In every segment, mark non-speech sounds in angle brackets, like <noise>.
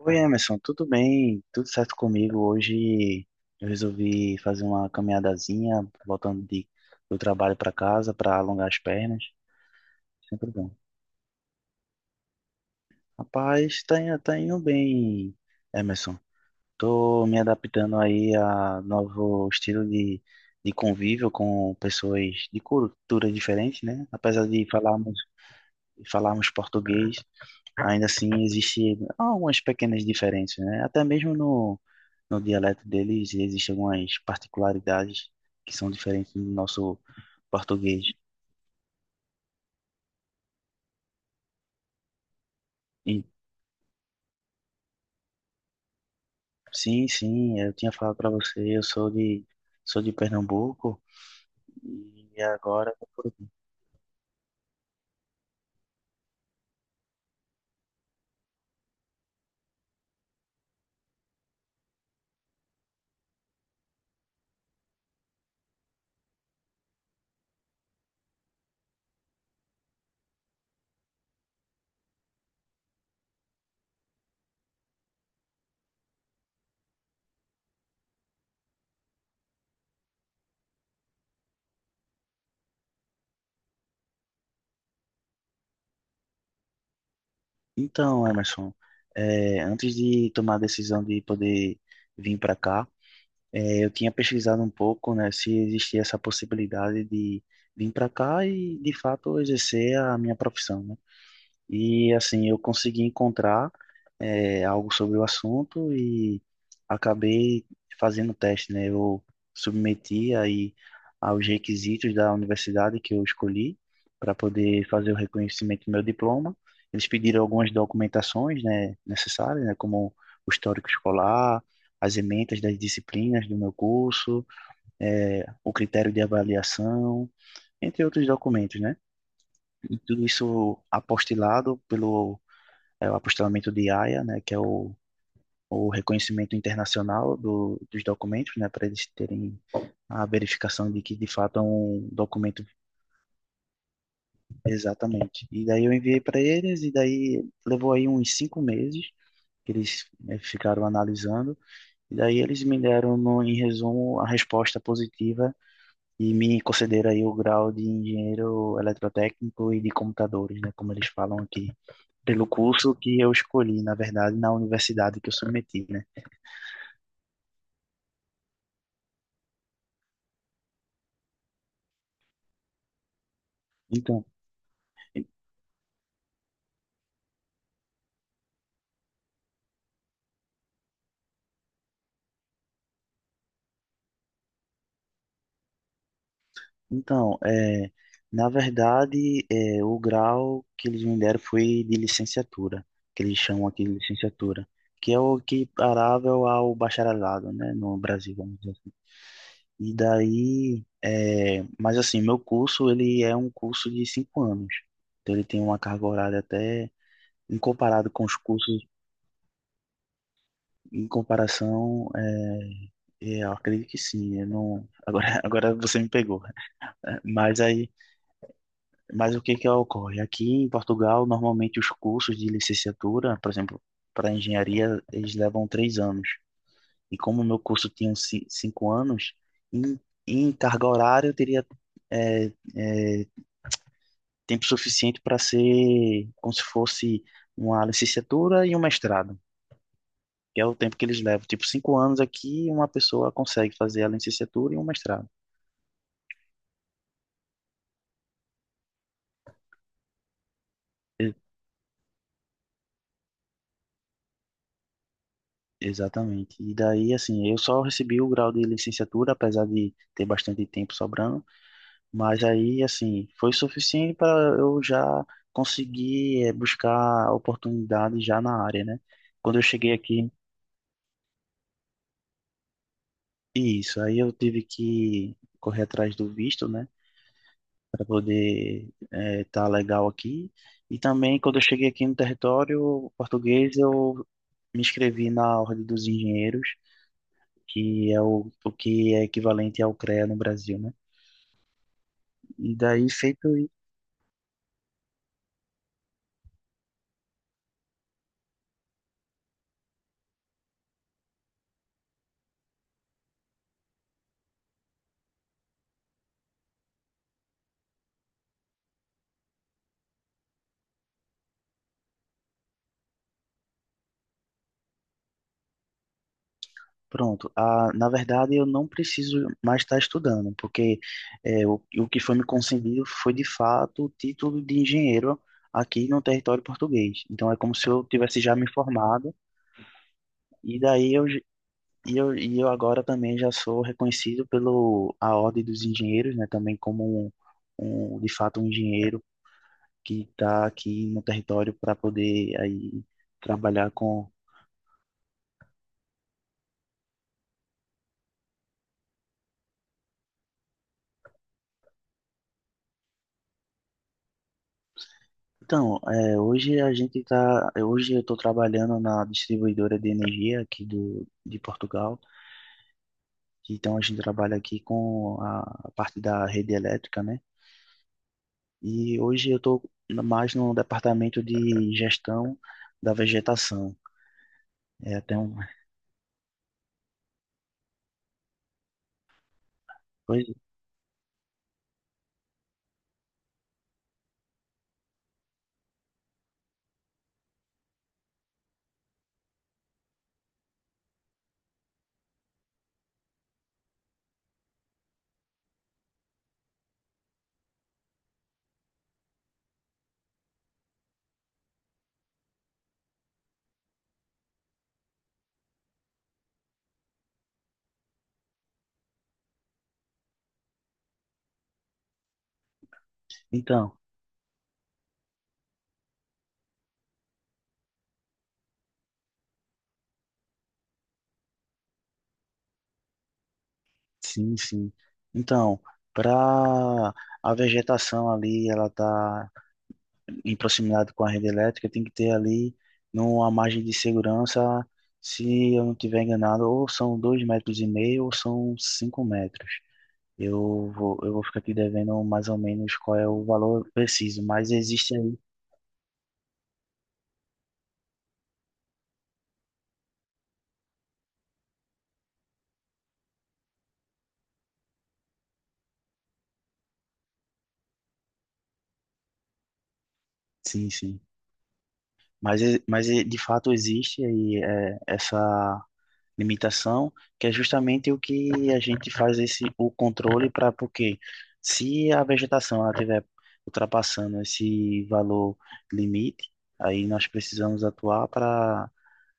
Oi, Emerson, tudo bem? Tudo certo comigo? Hoje eu resolvi fazer uma caminhadazinha, voltando do trabalho para casa para alongar as pernas. Sempre bom. Rapaz, tá indo bem, Emerson. Tô me adaptando aí a novo estilo de convívio com pessoas de cultura diferente, né? Apesar de falarmos português, ainda assim, existe algumas pequenas diferenças, né? Até mesmo no dialeto deles existem algumas particularidades que são diferentes do nosso português. E, sim, sim, eu tinha falado para você, eu sou de Pernambuco e agora tô por aqui. Então, Emerson, antes de tomar a decisão de poder vir para cá, eu tinha pesquisado um pouco, né, se existia essa possibilidade de vir para cá e, de fato, exercer a minha profissão, né? E assim, eu consegui encontrar algo sobre o assunto e acabei fazendo teste, né? Eu submeti aí aos requisitos da universidade que eu escolhi para poder fazer o reconhecimento do meu diploma. Eles pediram algumas documentações, né, necessárias, né, como o histórico escolar, as ementas das disciplinas do meu curso, o critério de avaliação, entre outros documentos, né? E tudo isso apostilado pelo é o apostilamento de AIA, né, que é o reconhecimento internacional do, dos documentos, né, para eles terem a verificação de que de fato é um documento. Exatamente. E daí eu enviei para eles e daí levou aí uns 5 meses que eles, né, ficaram analisando e daí eles me deram no, em resumo a resposta positiva e me concederam aí o grau de engenheiro eletrotécnico e de computadores, né, como eles falam aqui, pelo curso que eu escolhi, na verdade, na universidade que eu submeti, né? Então, Então, na verdade, o grau que eles me deram foi de licenciatura, que eles chamam aqui de licenciatura, que é o equiparável ao bacharelado, né, no Brasil, vamos dizer assim. E daí, mas assim, meu curso, ele é um curso de 5 anos, então ele tem uma carga horária até, em comparado com os cursos, em comparação, eu acredito que sim, eu não, agora, <laughs> agora você me pegou. Mas aí Mas o que que ocorre? Aqui em Portugal, normalmente os cursos de licenciatura, por exemplo, para engenharia, eles levam 3 anos. E como o meu curso tinha 5 anos, em, em carga horária eu teria é, é, tempo suficiente para ser como se fosse uma licenciatura e um mestrado, que é o tempo que eles levam. Tipo, 5 anos aqui, uma pessoa consegue fazer a licenciatura e um mestrado. Exatamente. E daí, assim, eu só recebi o grau de licenciatura, apesar de ter bastante tempo sobrando, mas aí, assim, foi suficiente para eu já conseguir buscar oportunidade já na área, né? Quando eu cheguei aqui, isso, aí eu tive que correr atrás do visto, né, para poder estar tá legal aqui. E também, quando eu cheguei aqui no território português, eu me inscrevi na Ordem dos Engenheiros, que é o que é equivalente ao CREA no Brasil, né? E daí feito e pronto. Ah, na verdade, eu não preciso mais estar estudando, porque o que foi me concedido foi de fato o título de engenheiro aqui no território português. Então é como se eu tivesse já me formado. e daí eu j- e eu, agora também já sou reconhecido pelo a Ordem dos Engenheiros, né, também como de fato um engenheiro que está aqui no território para poder aí trabalhar com. Então, hoje hoje eu estou trabalhando na distribuidora de energia aqui do, de Portugal. Então a gente trabalha aqui com a parte da rede elétrica, né? E hoje eu estou mais no departamento de gestão da vegetação. É até um. Pois- Então, sim, sim. Então, para a vegetação ali, ela tá em proximidade com a rede elétrica, tem que ter ali numa margem de segurança, se eu não tiver enganado, ou são 2,5 metros ou são 5 metros. Eu vou ficar aqui devendo mais ou menos qual é o valor preciso, mas existe aí. Sim, sim. Mas, de fato existe aí é, essa limitação, que é justamente o que a gente faz esse o controle para porque se a vegetação ela tiver ultrapassando esse valor limite, aí nós precisamos atuar para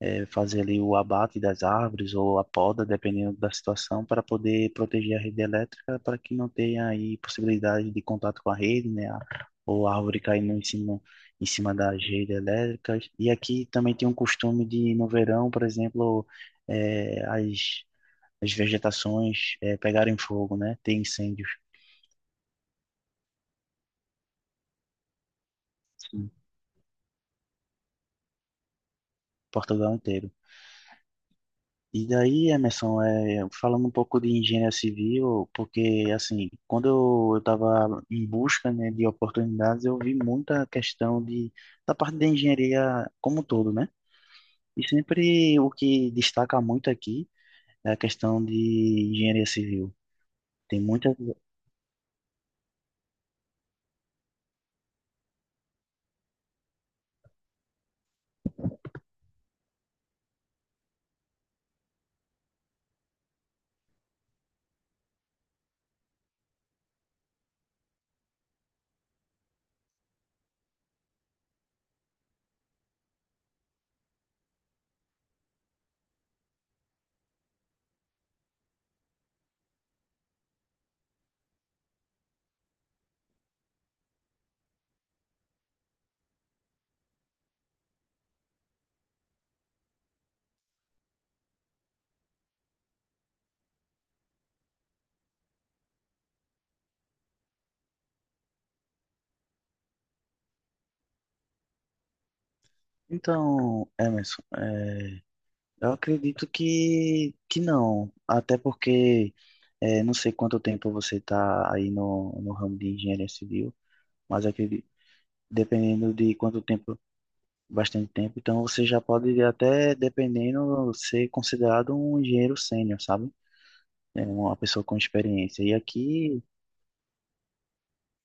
fazer ali o abate das árvores ou a poda, dependendo da situação, para poder proteger a rede elétrica, para que não tenha aí possibilidade de contato com a rede, né? Ou a árvore caindo em cima das redes elétricas. E aqui também tem um costume de, no verão, por exemplo, é, as, as vegetações pegarem fogo, né? Ter incêndios. Em Portugal inteiro. E daí, Emerson, falando um pouco de engenharia civil, porque assim, quando eu estava em busca, né, de oportunidades, eu vi muita questão de, da parte da engenharia como um todo, né? E sempre o que destaca muito aqui é a questão de engenharia civil. Tem muita. Então, Emerson, eu acredito que não, até porque não sei quanto tempo você está aí no ramo de engenharia civil. Mas acredito, dependendo de quanto tempo, bastante tempo. Então você já pode até, dependendo, ser considerado um engenheiro sênior, sabe? É uma pessoa com experiência. E aqui,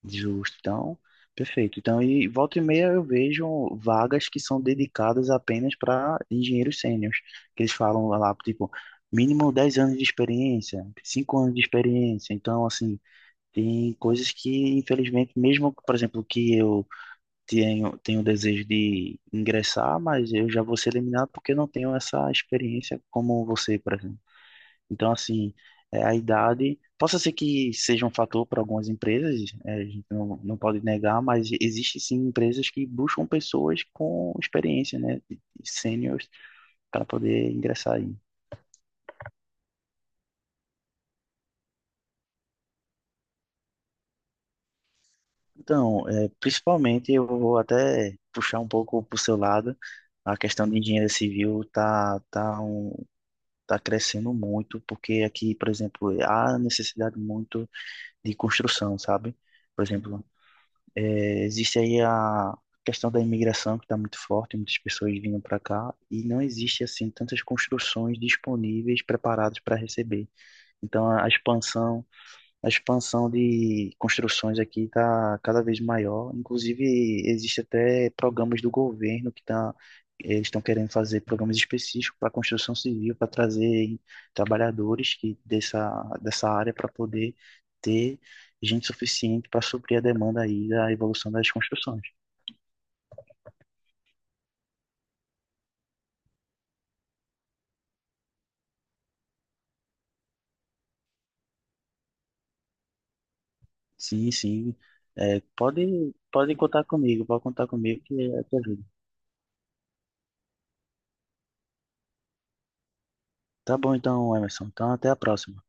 justo, então, perfeito. Então, e volta e meia eu vejo vagas que são dedicadas apenas para engenheiros sêniors, que eles falam lá, tipo, mínimo 10 anos de experiência, 5 anos de experiência. Então, assim, tem coisas que, infelizmente, mesmo, por exemplo, que eu tenho o desejo de ingressar, mas eu já vou ser eliminado porque eu não tenho essa experiência como você, por exemplo. Então, assim, a idade, possa ser que seja um fator para algumas empresas, a gente não, não pode negar, mas existe sim empresas que buscam pessoas com experiência, né, de sêniores, para poder ingressar aí. Então, principalmente eu vou até puxar um pouco para o seu lado, a questão de engenharia civil está crescendo muito, porque aqui, por exemplo, há necessidade muito de construção, sabe? Por exemplo, existe aí a questão da imigração que está muito forte, muitas pessoas vindo para cá e não existe assim tantas construções disponíveis preparadas para receber. Então, a expansão de construções aqui está cada vez maior. Inclusive, existe até programas do governo eles estão querendo fazer programas específicos para construção civil, para trazer trabalhadores dessa área para poder ter gente suficiente para suprir a demanda aí da evolução das construções. Sim, sim. É, pode contar comigo, pode contar comigo que é a tua vida. Tá bom então, Emerson. Então, até a próxima.